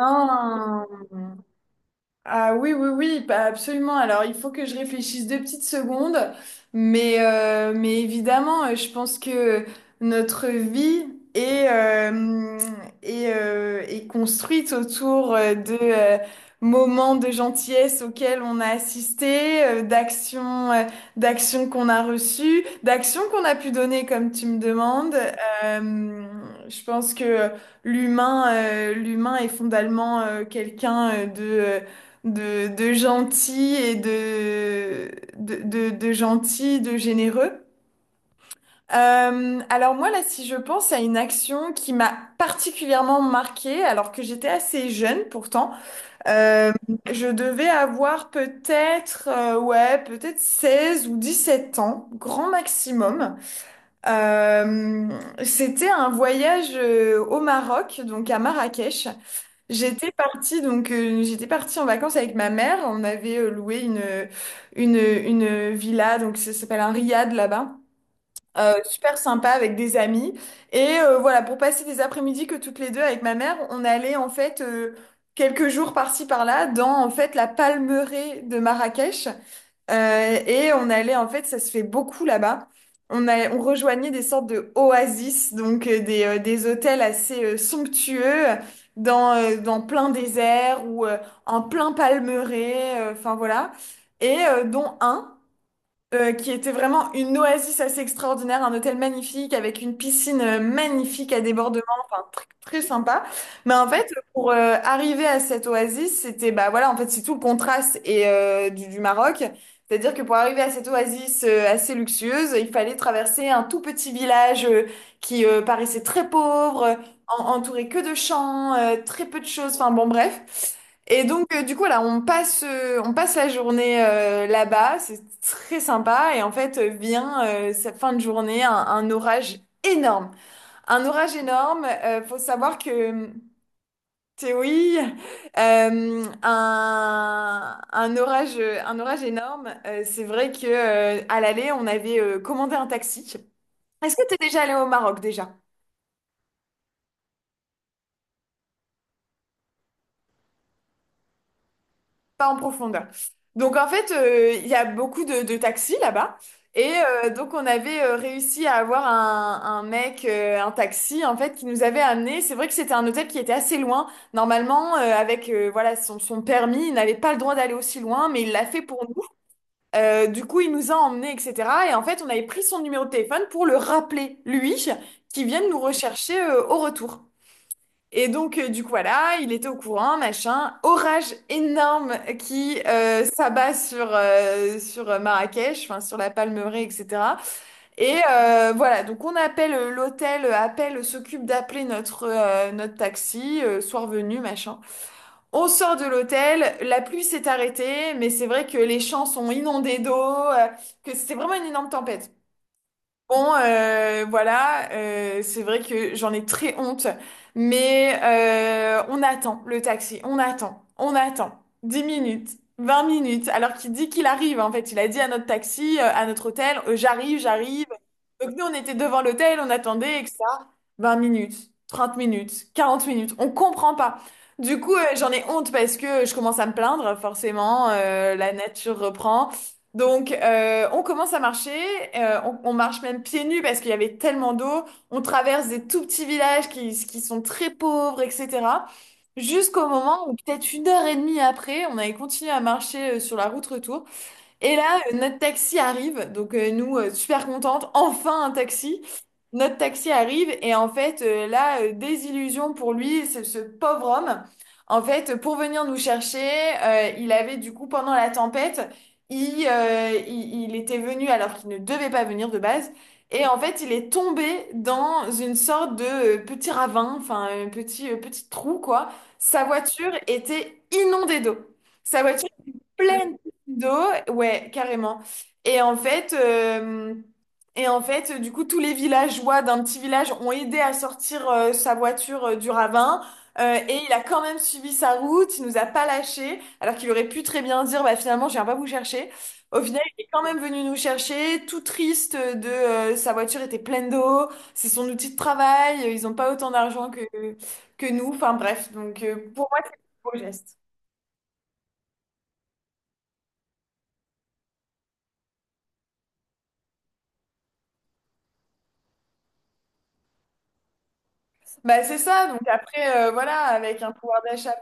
Ah. Ah oui, oui, oui, bah, absolument. Alors, il faut que je réfléchisse deux petites secondes, mais évidemment, je pense que notre vie est, euh, est construite autour de moments de gentillesse auxquels on a assisté, d'actions, d'actions qu'on a pu donner, comme tu me demandes. Euh, je pense que l'humain est fondamentalement quelqu'un , de gentil et de gentil, de généreux. Alors moi, là, si je pense à une action qui m'a particulièrement marquée, alors que j'étais assez jeune pourtant, euh, je devais avoir peut-être, ouais, peut-être 16 ou 17 ans, grand maximum. Euh, C'était un voyage au Maroc, donc à Marrakech. J'étais partie en vacances avec ma mère. On avait loué une villa donc ça s'appelle un riad là-bas. Super sympa avec des amis et voilà pour passer des après-midi que toutes les deux avec ma mère on allait en fait quelques jours par-ci par-là dans en fait la palmeraie de Marrakech, et on allait, en fait, ça se fait beaucoup là-bas. On rejoignait des sortes de oasis, donc des hôtels assez somptueux, dans plein désert ou en plein palmeraie, enfin voilà. Et dont un, qui était vraiment une oasis assez extraordinaire, un hôtel magnifique avec une piscine magnifique à débordement, enfin très sympa. Mais en fait, pour arriver à cette oasis, c'était bah voilà, en fait, c'est tout le contraste et du Maroc. C'est-à-dire que pour arriver à cette oasis assez luxueuse, il fallait traverser un tout petit village qui paraissait très pauvre, entouré que de champs, très peu de choses, enfin bon bref. Et donc, du coup, là, on passe la journée là-bas, c'est très sympa. Et en fait, vient cette fin de journée, un orage énorme. Un orage énorme. Faut savoir que Théoï, un orage énorme. C'est vrai que à l'aller, on avait commandé un taxi. Est-ce que tu es déjà allé au Maroc déjà? Pas en profondeur. Donc en fait, il y a beaucoup de taxis là-bas. Et donc on avait réussi à avoir un mec, un taxi en fait, qui nous avait amené. C'est vrai que c'était un hôtel qui était assez loin. Normalement, avec voilà son permis, il n'avait pas le droit d'aller aussi loin, mais il l'a fait pour nous. Du coup, il nous a emmenés, etc. Et en fait, on avait pris son numéro de téléphone pour le rappeler, lui, qui vienne nous rechercher au retour. Et donc, du coup, voilà, il était au courant, machin. Orage énorme qui s'abat sur Marrakech, enfin, sur la Palmeraie, etc. Et voilà, donc on appelle l'hôtel, s'occupe d'appeler notre taxi, soir venu, machin. On sort de l'hôtel, la pluie s'est arrêtée, mais c'est vrai que les champs sont inondés d'eau, que c'était vraiment une énorme tempête. Bon, voilà, c'est vrai que j'en ai très honte, mais on attend le taxi, on attend, on attend, 10 minutes, 20 minutes, alors qu'il dit qu'il arrive, en fait. Il a dit à notre taxi, à notre hôtel, j'arrive, j'arrive. Donc nous, on était devant l'hôtel, on attendait, etc. Vingt minutes, 30 minutes, 40 minutes, on comprend pas. Du coup, j'en ai honte parce que je commence à me plaindre, forcément, la nature reprend. Donc, on commence à marcher, on marche même pieds nus parce qu'il y avait tellement d'eau. On traverse des tout petits villages qui sont très pauvres, etc. Jusqu'au moment où, peut-être une heure et demie après, on avait continué à marcher sur la route retour. Et là, notre taxi arrive, donc nous, super contentes, enfin un taxi. Notre taxi arrive et en fait, là, désillusion pour lui, ce pauvre homme. En fait, pour venir nous chercher, il avait du coup, pendant la tempête, il était venu alors qu'il ne devait pas venir de base. Et en fait, il est tombé dans une sorte de petit ravin, enfin, un petit trou, quoi. Sa voiture était inondée d'eau. Sa voiture était pleine d'eau, ouais, carrément. Et en fait, euh, et en fait, du coup, tous les villageois d'un petit village ont aidé à sortir sa voiture du ravin. Et il a quand même suivi sa route, il nous a pas lâchés, alors qu'il aurait pu très bien dire, bah finalement, je viens pas vous chercher. Au final, il est quand même venu nous chercher, tout triste de sa voiture était pleine d'eau, c'est son outil de travail, ils ont pas autant d'argent que nous. Enfin bref, donc pour moi, c'est un beau geste. Bah, c'est ça, donc après, voilà, avec un pouvoir d'achat.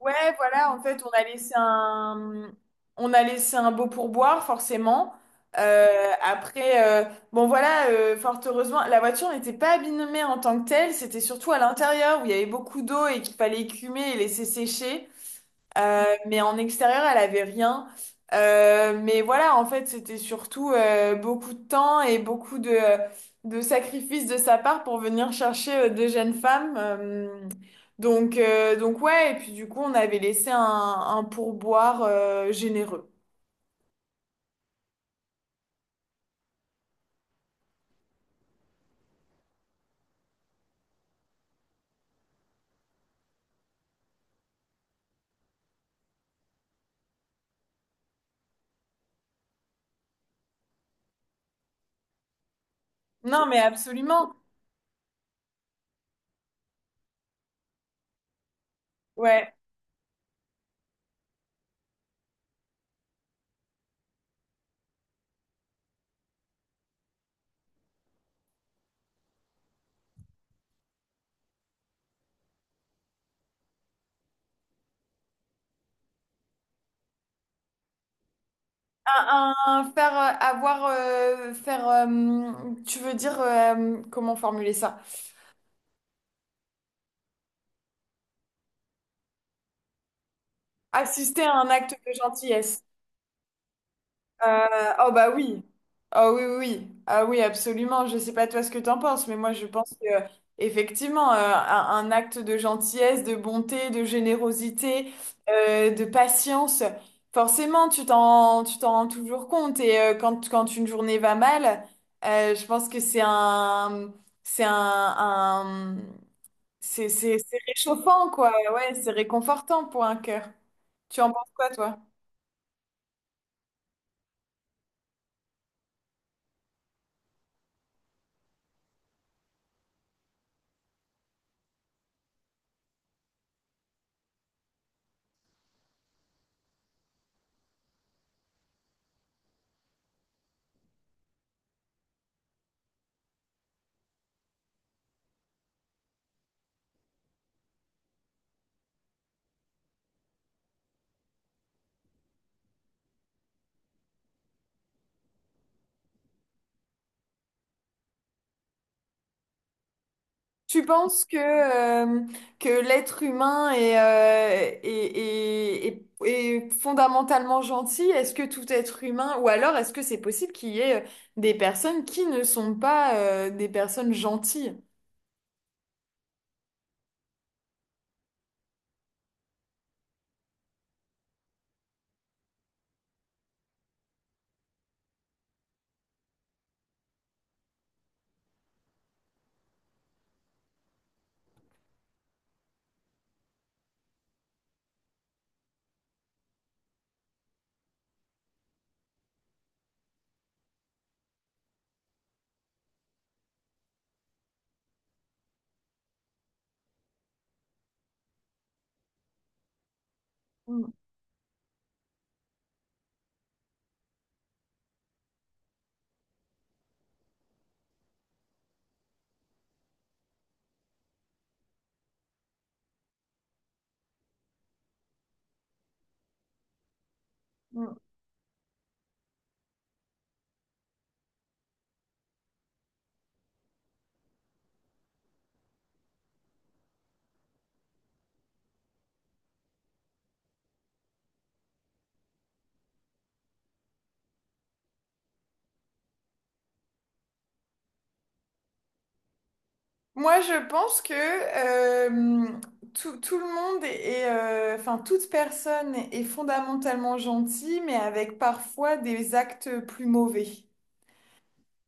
Ouais, voilà, en fait, on a laissé un beau pourboire, forcément. Après, bon, voilà, fort heureusement, la voiture n'était pas abîmée en tant que telle, c'était surtout à l'intérieur où il y avait beaucoup d'eau et qu'il fallait écumer et laisser sécher. Mais en extérieur, elle avait rien. Mais voilà, en fait, c'était surtout beaucoup de temps et beaucoup de sacrifices de sa part pour venir chercher deux jeunes femmes. Donc ouais, et puis du coup, on avait laissé un pourboire généreux. Non, mais absolument. Ouais. Faire avoir faire Tu veux dire comment formuler ça? Assister à un acte de gentillesse. Euh, oh bah oui. Oh oui, oui, oui. Ah oui, absolument. Je sais pas toi ce que t'en penses, mais moi je pense que effectivement, un acte de gentillesse, de bonté, de générosité, de patience, forcément, tu t'en rends toujours compte. Et quand une journée va mal, je pense que c'est un- c'est réchauffant, quoi. Ouais, c'est réconfortant pour un cœur. Tu en penses quoi, toi? Tu penses que l'être humain est fondamentalement gentil? Est-ce que tout être humain, ou alors est-ce que c'est possible qu'il y ait des personnes qui ne sont pas des personnes gentilles? Mm, mm. Moi, je pense que tout le monde enfin, toute personne est fondamentalement gentille, mais avec parfois des actes plus mauvais.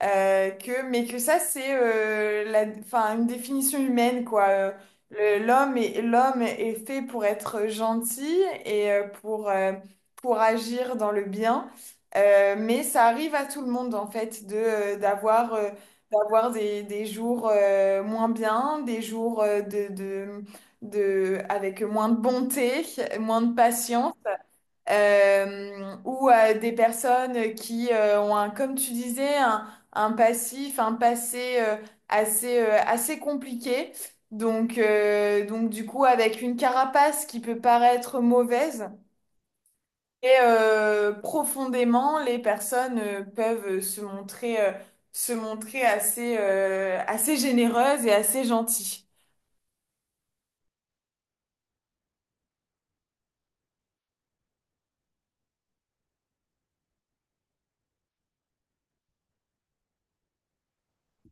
Mais que ça, c'est enfin, une définition humaine, quoi. L'homme est fait pour être gentil et pour agir dans le bien. Mais ça arrive à tout le monde, en fait, d'avoir des jours moins bien, des jours avec moins de bonté, moins de patience, ou à des personnes qui ont un, comme tu disais, un passif, un passé assez, assez compliqué. Donc du coup, avec une carapace qui peut paraître mauvaise, et profondément, les personnes peuvent se montrer assez généreuses et assez gentilles.